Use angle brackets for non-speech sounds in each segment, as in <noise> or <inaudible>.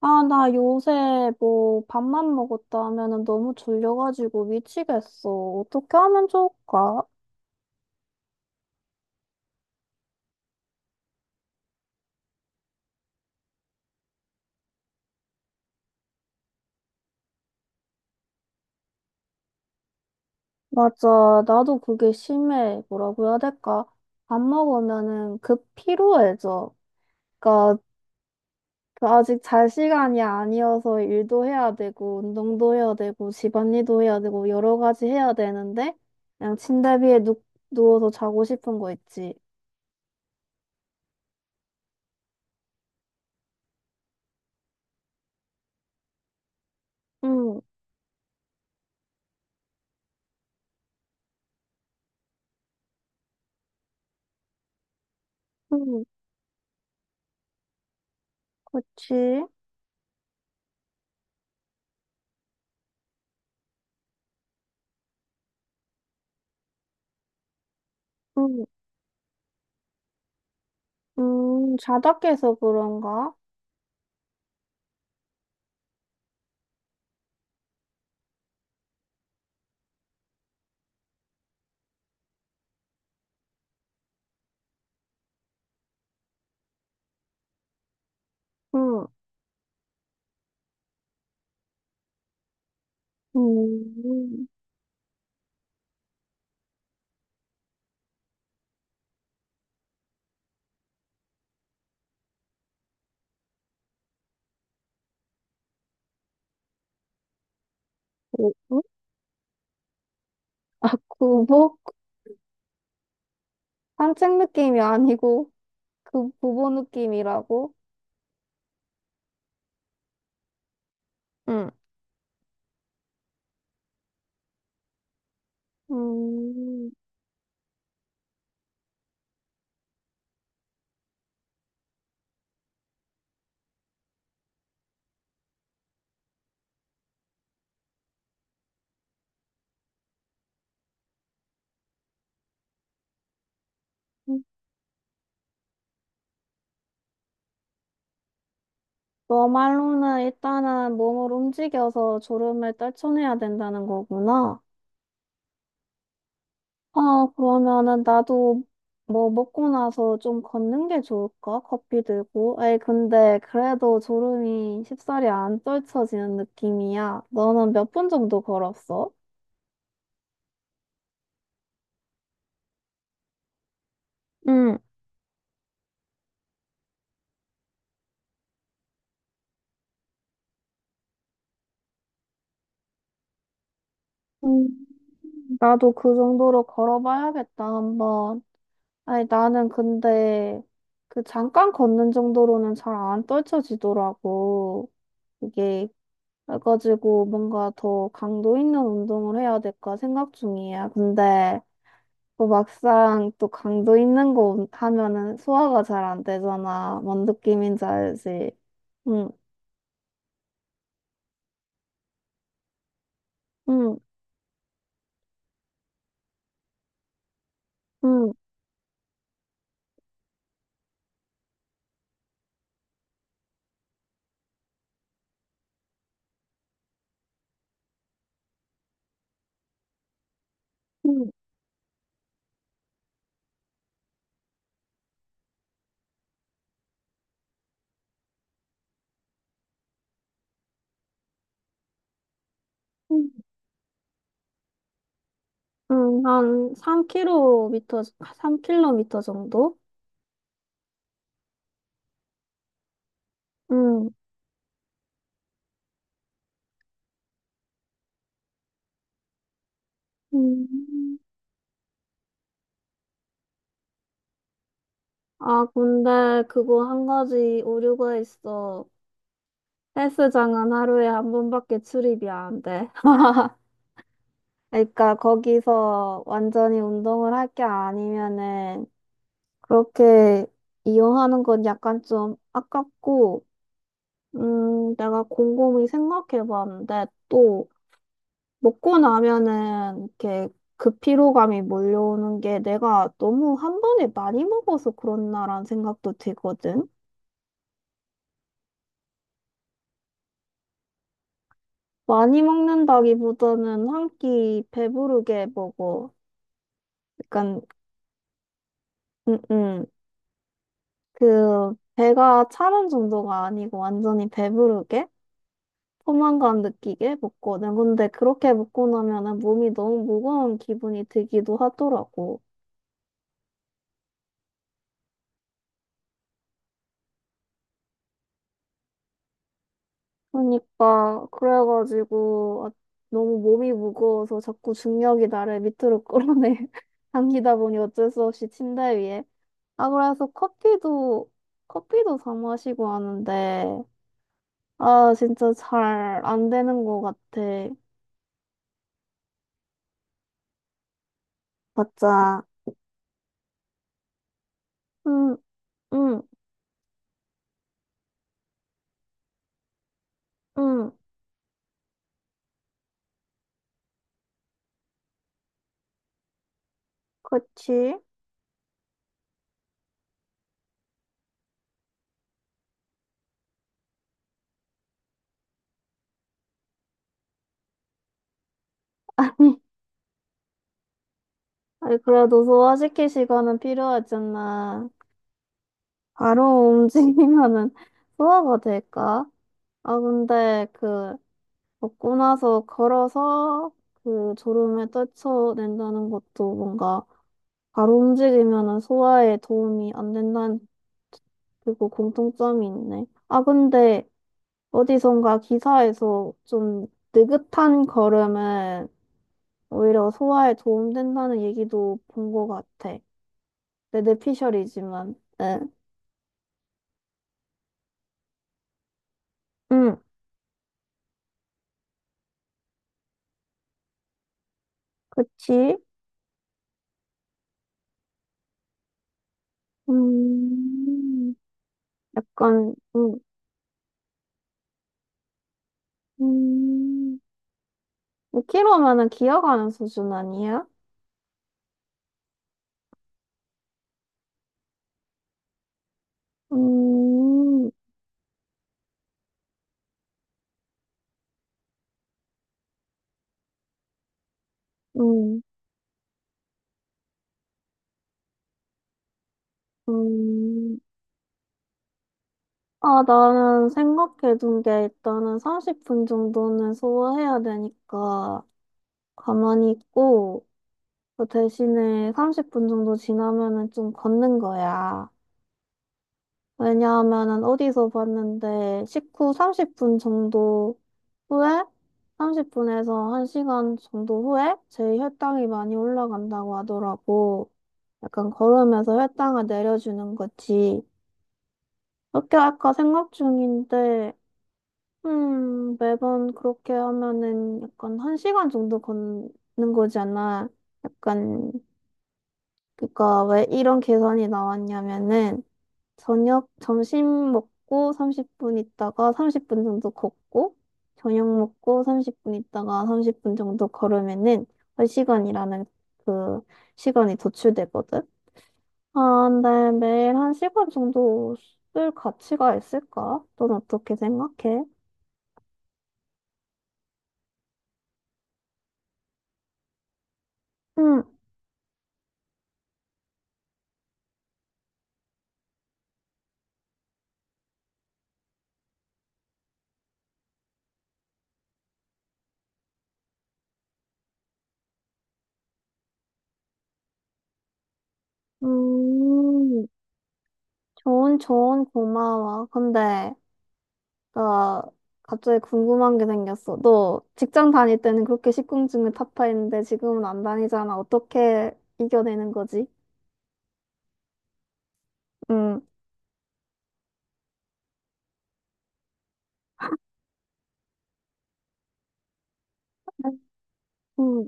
아, 나 요새 뭐 밥만 먹었다 하면은 너무 졸려가지고 미치겠어. 어떻게 하면 좋을까? 맞아. 나도 그게 심해. 뭐라고 해야 될까? 밥 먹으면은 급 피로해져. 그러니까 아직 잘 시간이 아니어서 일도 해야 되고, 운동도 해야 되고, 집안일도 해야 되고, 여러 가지 해야 되는데, 그냥 침대 위에 누워서 자고 싶은 거 있지. 응, 응, 그치. 응, 자다 깨서 그런가? 응, 음, 오, 어? 아, 구보? 산책 느낌이 아니고, 그 구보 느낌이라고? 응. 음, 너 말로는 일단은 몸을 움직여서 졸음을 떨쳐내야 된다는 거구나. 아, 그러면은 나도 뭐 먹고 나서 좀 걷는 게 좋을까? 커피 들고. 에이, 근데 그래도 졸음이 쉽사리 안 떨쳐지는 느낌이야. 너는 몇 분 정도 걸었어? 응. 나도 그 정도로 걸어봐야겠다, 한번. 아니, 나는 근데 그 잠깐 걷는 정도로는 잘 안 떨쳐지더라고. 이게, 그래가지고 뭔가 더 강도 있는 운동을 해야 될까 생각 중이야. 근데 또 막상 또 강도 있는 거 하면은 소화가 잘 안 되잖아. 뭔 느낌인지 알지? 응, 응, 응, 응, 응. 응, 한 3km, 3km 정도? 응. 음. 아, 근데 그거 한 가지 오류가 있어. 헬스장은 하루에 한 번밖에 출입이 안 돼. <laughs> 그러니까 거기서 완전히 운동을 할 게 아니면은 그렇게 이용하는 건 약간 좀 아깝고, 내가 곰곰이 생각해 봤는데 또 먹고 나면은 이렇게 그 피로감이 몰려오는 게 내가 너무 한 번에 많이 먹어서 그렇나라는 생각도 들거든. 많이 먹는다기보다는 한 끼 배부르게 먹어. 약간, 음, 음. 그, 배가 차는 정도가 아니고 완전히 배부르게? 포만감 느끼게 먹거든. 근데 그렇게 먹고 나면은 몸이 너무 무거운 기분이 들기도 하더라고. 그러니까, 그래가지고, 아, 너무 몸이 무거워서 자꾸 중력이 나를 밑으로 끌어내. <laughs> 당기다 보니 어쩔 수 없이 침대 위에. 아, 그래서 커피도, 커피도 사 마시고 하는데, 아, 진짜 잘 안 되는 것 같아. 맞아. 응, 응, 응, 그치? <laughs> 아니, 그래도 소화시킬 시간은 필요하잖아. 바로 움직이면은 <laughs> 소화가 될까? 아, 근데 그, 먹고 나서 걸어서 그 졸음에 떨쳐낸다는 것도 뭔가 바로 움직이면은 소화에 도움이 안 된다는 그리고 공통점이 있네. 아, 근데 어디선가 기사에서 좀 느긋한 걸음은 오히려 소화에 도움된다는 얘기도 본 것 같아. 레드피셜이지만, 응. 응, 그치? 음, 약간, 응, 음, 5K 로면은 기어가는 수준 아니야? 음, 음, 음. 아, 나는 생각해둔 게 일단은 30분 정도는 소화해야 되니까 가만히 있고, 그 대신에 30분 정도 지나면은 좀 걷는 거야. 왜냐하면은 어디서 봤는데 식후 30분 정도 후에 30분에서 1시간 정도 후에 제 혈당이 많이 올라간다고 하더라고. 약간 걸으면서 혈당을 내려주는 거지. 그렇게 할까 생각 중인데, 매번 그렇게 하면은 약간 1시간 정도 걷는 거잖아. 약간 그러니까 왜 이런 계산이 나왔냐면은 저녁 점심 먹고 30분 있다가 30분 정도 걷고 저녁 먹고 30분 있다가 30분 정도 걸으면은 한 시간이라는 그 시간이 도출되거든. 아, 근데 매일 1시간 정도 쓸 가치가 있을까? 넌 어떻게 생각해? 응, 음, 좋은 고마워. 근데 나 갑자기 궁금한 게 생겼어. 너 직장 다닐 때는 그렇게 식곤증을 타파했는데 지금은 안 다니잖아. 어떻게 이겨내는 거지? 응, 응,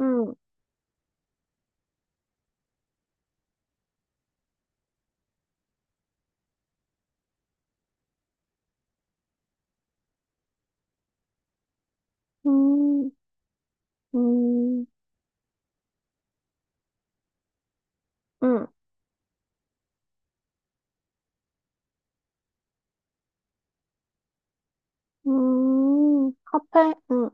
응, 응, 응, 응, 응. 카페, 응.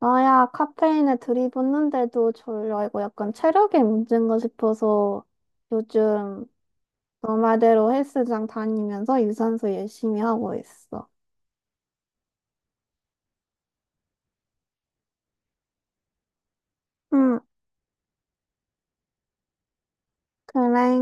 나야 카페인에 들이붓는데도 졸려. 이거 약간 체력의 문제인가 싶어서 요즘 너 말대로 헬스장 다니면서 유산소 열심히 하고 있어. 응, 그래.